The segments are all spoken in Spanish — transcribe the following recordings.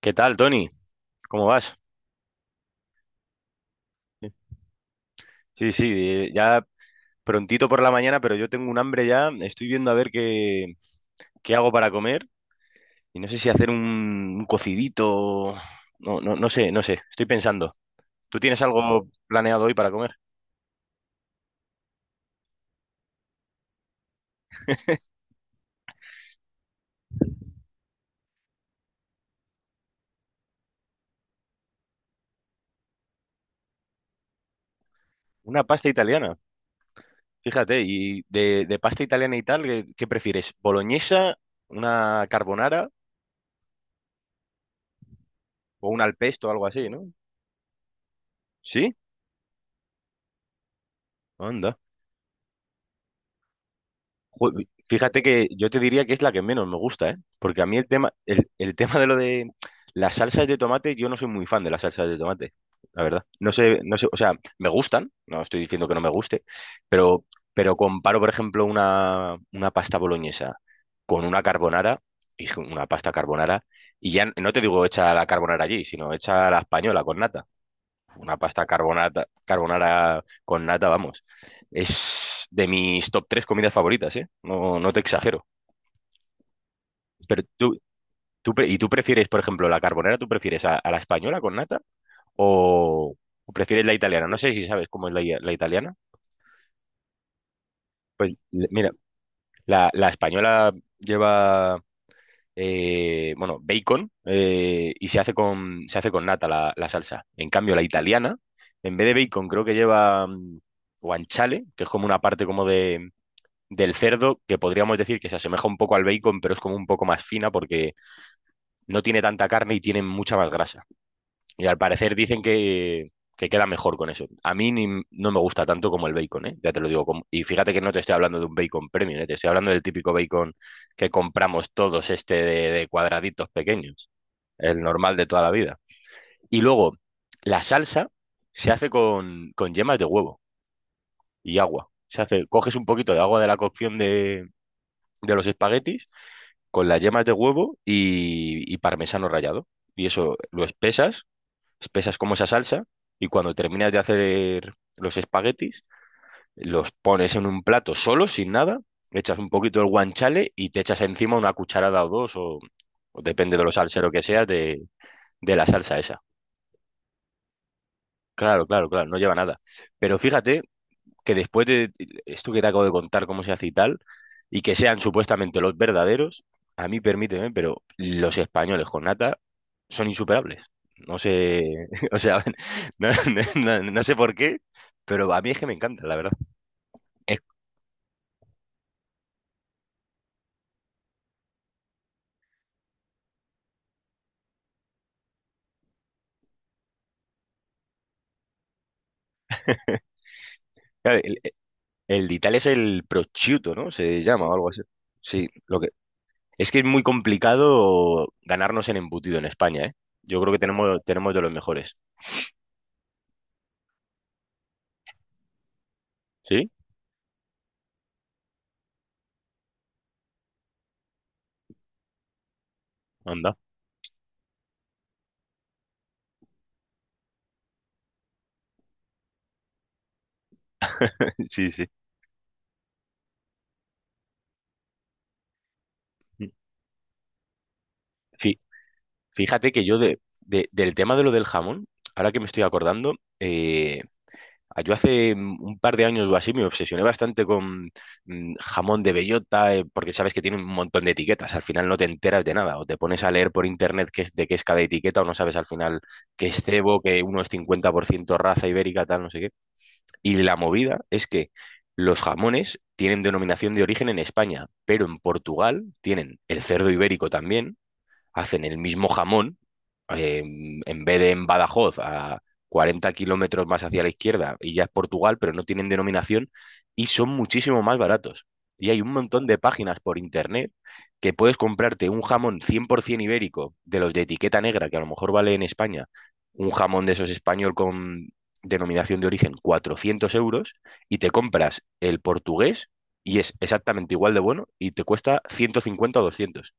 ¿Qué tal, Tony? ¿Cómo vas? Sí, sí, ya prontito por la mañana, pero yo tengo un hambre ya. Estoy viendo a ver qué hago para comer y no sé si hacer un cocidito. No, no, no sé, no sé. Estoy pensando. ¿Tú tienes algo planeado hoy para comer? Una pasta italiana. Fíjate, y de pasta italiana y tal, ¿qué prefieres? ¿Boloñesa, una carbonara o un al pesto o algo así? ¿No? ¿Sí? Ju- Fíjate que yo te diría que es la que menos me gusta, ¿eh? Porque a mí el tema, el tema de lo de las salsas de tomate, yo no soy muy fan de las salsas de tomate, la verdad. No sé, no sé, o sea, me gustan, no estoy diciendo que no me guste, pero, pero comparo, por ejemplo, una pasta boloñesa con una carbonara, y es que una pasta carbonara, y ya no te digo hecha la carbonara allí, sino hecha a la española con nata. Una pasta carbonara con nata, vamos. Es de mis top tres comidas favoritas, ¿eh? No, no te exagero. Pero ¿y tú prefieres, por ejemplo, la carbonara, tú prefieres a la española con nata o, o prefieres la italiana? No sé si sabes cómo es la italiana. Pues mira, la española lleva, bueno, bacon y se hace con nata la salsa. En cambio, la italiana, en vez de bacon, creo que lleva guanciale, que es como una parte como del cerdo, que podríamos decir que se asemeja un poco al bacon, pero es como un poco más fina porque no tiene tanta carne y tiene mucha más grasa. Y al parecer dicen que queda mejor con eso. A mí no me gusta tanto como el bacon, ¿eh? Ya te lo digo. Y fíjate que no te estoy hablando de un bacon premium, ¿eh? Te estoy hablando del típico bacon que compramos todos, este de cuadraditos pequeños, el normal de toda la vida. Y luego, la salsa se hace con yemas de huevo y agua. Se hace, coges un poquito de agua de la cocción de los espaguetis con las yemas de huevo y parmesano rallado. Y eso lo espesas como esa salsa, y cuando terminas de hacer los espaguetis, los pones en un plato solo, sin nada, echas un poquito del guanciale y te echas encima una cucharada o dos, o depende de lo salsero que seas, de la salsa esa. Claro, claro, claro, no lleva nada. Pero fíjate que después de esto que te acabo de contar, cómo se hace y tal, y que sean supuestamente los verdaderos, a mí permíteme, pero los españoles con nata son insuperables. No sé, o sea, no sé por qué, pero a mí es que me encanta, la verdad. Es- claro, el de Italia es el prosciutto, ¿no? Se llama o algo así. Sí, lo que es muy complicado ganarnos en embutido en España, ¿eh? Yo creo que tenemos de los mejores. ¿Sí? Anda. Sí, sí. Sí, fíjate que yo del tema de lo del jamón, ahora que me estoy acordando, eh, yo hace un par de años o así me obsesioné bastante con jamón de bellota, porque sabes que tiene un montón de etiquetas, al final no te enteras de nada, o te pones a leer por internet qué es, de qué es cada etiqueta, o no sabes al final qué es cebo, que uno es 50% raza ibérica, tal, no sé qué. Y la movida es que los jamones tienen denominación de origen en España, pero en Portugal tienen el cerdo ibérico también hacen el mismo jamón, eh, en vez de en Badajoz, a 40 kilómetros más hacia la izquierda, y ya es Portugal, pero no tienen denominación, y son muchísimo más baratos. Y hay un montón de páginas por internet que puedes comprarte un jamón 100% ibérico, de los de etiqueta negra, que a lo mejor vale en España, un jamón de esos español con denominación de origen, 400 euros, y te compras el portugués, y es exactamente igual de bueno, y te cuesta 150 o 200.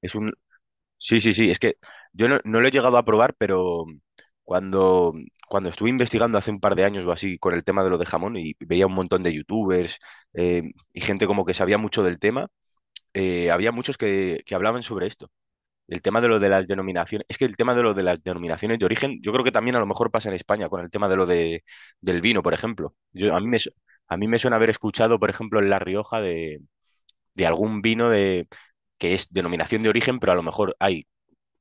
Es un Sí, sí, sí. Es que yo no lo he llegado a probar, pero cuando, cuando estuve investigando hace un par de años o así con el tema de lo de jamón y veía un montón de youtubers eh, y gente como que sabía mucho del tema, había muchos que hablaban sobre esto. El tema de lo de las denominaciones. Es que el tema de lo de las denominaciones de origen, yo creo que también a lo mejor pasa en España con el tema de lo del vino, por ejemplo. Yo, a mí a mí me suena haber escuchado, por ejemplo, en La Rioja de algún vino de, que es denominación de origen, pero a lo mejor hay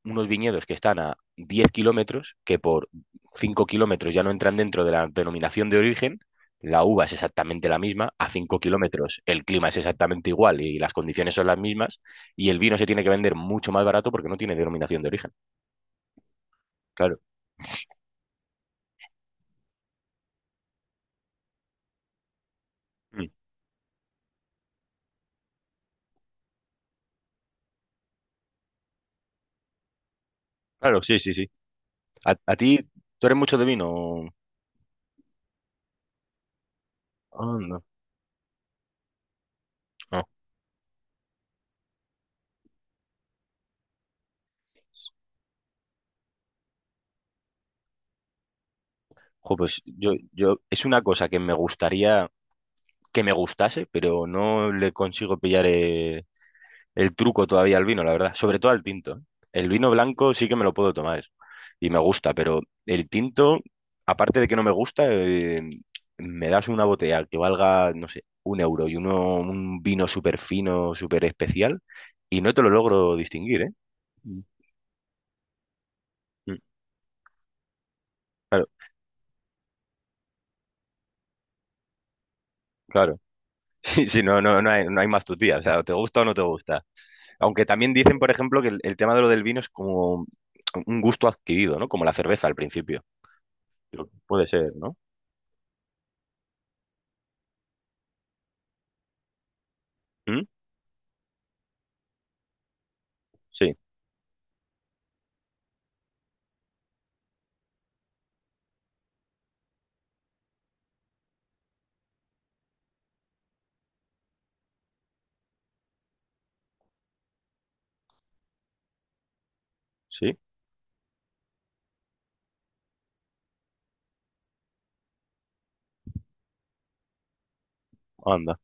unos viñedos que están a 10 kilómetros, que por 5 kilómetros ya no entran dentro de la denominación de origen, la uva es exactamente la misma, a 5 kilómetros el clima es exactamente igual y las condiciones son las mismas, y el vino se tiene que vender mucho más barato porque no tiene denominación de origen. Claro. Mm. Claro, sí, sí, sí. ¿A, a ti, Tú eres mucho de vino? Ah, no. Ah. Jo, pues yo, es una cosa que me gustaría que me gustase, pero no le consigo pillar el truco todavía al vino, la verdad. Sobre todo al tinto. ¿Eh? El vino blanco sí que me lo puedo tomar y me gusta, pero el tinto, aparte de que no me gusta, me das una botella que valga, no sé, un euro y uno, un vino súper fino, súper especial, y no te lo logro distinguir, ¿eh? Mm. Mm, claro, claro. Sí, sí, no, no, no hay más tu tía. O sea, o te gusta o no te gusta. Aunque también dicen, por ejemplo, que el tema de lo del vino es como un gusto adquirido, ¿no? Como la cerveza al principio. Puede ser, ¿no? ¿Mm? Sí, sí. Anda,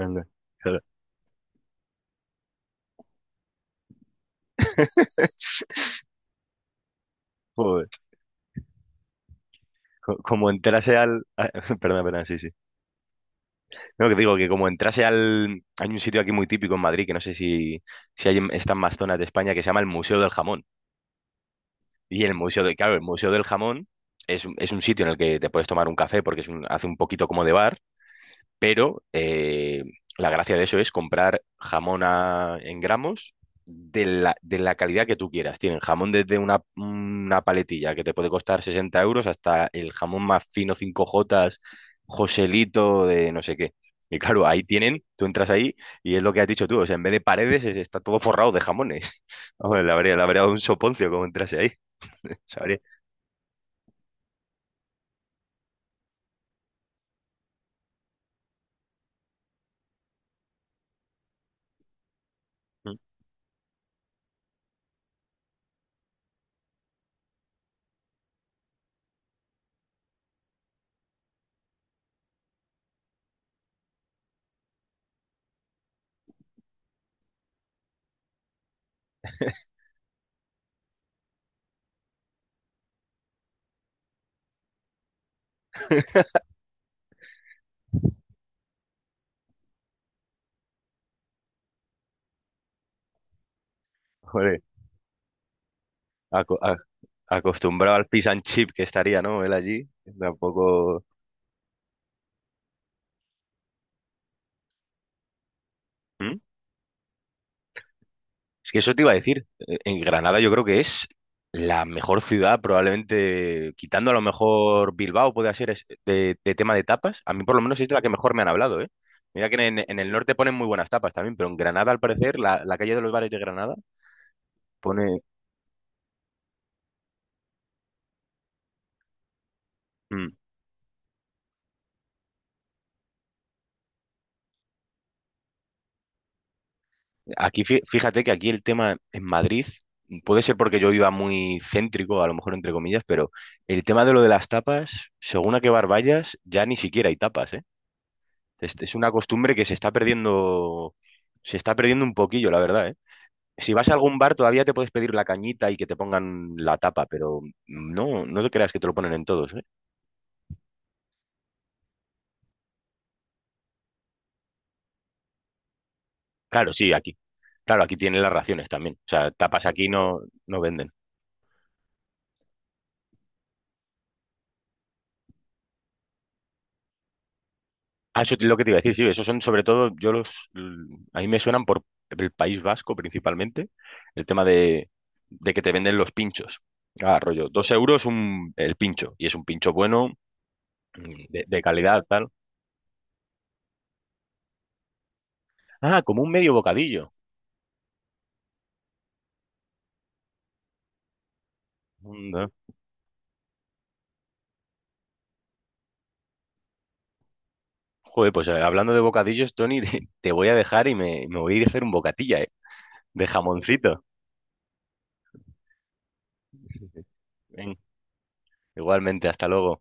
anda. Claro. Joder. Como entrase al. Perdón, perdón, sí, sí. No, que digo que como entrase al. Hay un sitio aquí muy típico en Madrid, que no sé si hay están más zonas de España, que se llama el Museo del Jamón. Y el Museo de Claro, el Museo del Jamón es, es un sitio en el que te puedes tomar un café porque es hace un poquito como de bar. Pero la gracia de eso es comprar jamón en gramos de la calidad que tú quieras. Tienen jamón desde una paletilla que te puede costar 60 euros hasta el jamón más fino cinco jotas, Joselito de no sé qué. Y claro, ahí tienen, tú entras ahí y es lo que has dicho tú, o sea, en vez de paredes está todo forrado de jamones. Hombre, le habría dado un soponcio como entrase ahí. ¿Sabría? Hombre, aco- a- acostumbrado al fish and chip que estaría, ¿no? Él allí, tampoco. ¿Mm? Es que eso te iba a decir. En Granada yo creo que es la mejor ciudad, probablemente, quitando a lo mejor Bilbao, puede ser de tema de tapas. A mí por lo menos es de la que mejor me han hablado, ¿eh? Mira que en el norte ponen muy buenas tapas también, pero en Granada, al parecer, la calle de los bares de Granada pone. mm, Aquí, fíjate que aquí el tema en Madrid, puede ser porque yo iba muy céntrico, a lo mejor entre comillas, pero el tema de lo de las tapas, según a qué bar vayas, ya ni siquiera hay tapas, ¿eh? Es una costumbre que se está perdiendo un poquillo, la verdad, ¿eh? Si vas a algún bar todavía te puedes pedir la cañita y que te pongan la tapa, pero no, no te creas que te lo ponen en todos, ¿eh? Claro, sí, aquí. Claro, aquí tienen las raciones también. O sea, tapas aquí no, no venden. Ah, eso es lo que te iba a decir, sí, esos son sobre todo, a mí me suenan por el País Vasco principalmente, el tema de que te venden los pinchos. Ah, rollo, 2 euros el pincho, y es un pincho bueno, de calidad, tal. Ah, como un medio bocadillo. Anda. Joder, pues hablando de bocadillos, Tony, te voy a dejar y me voy a ir a hacer un bocatilla, de jamoncito. Ven, igualmente, hasta luego.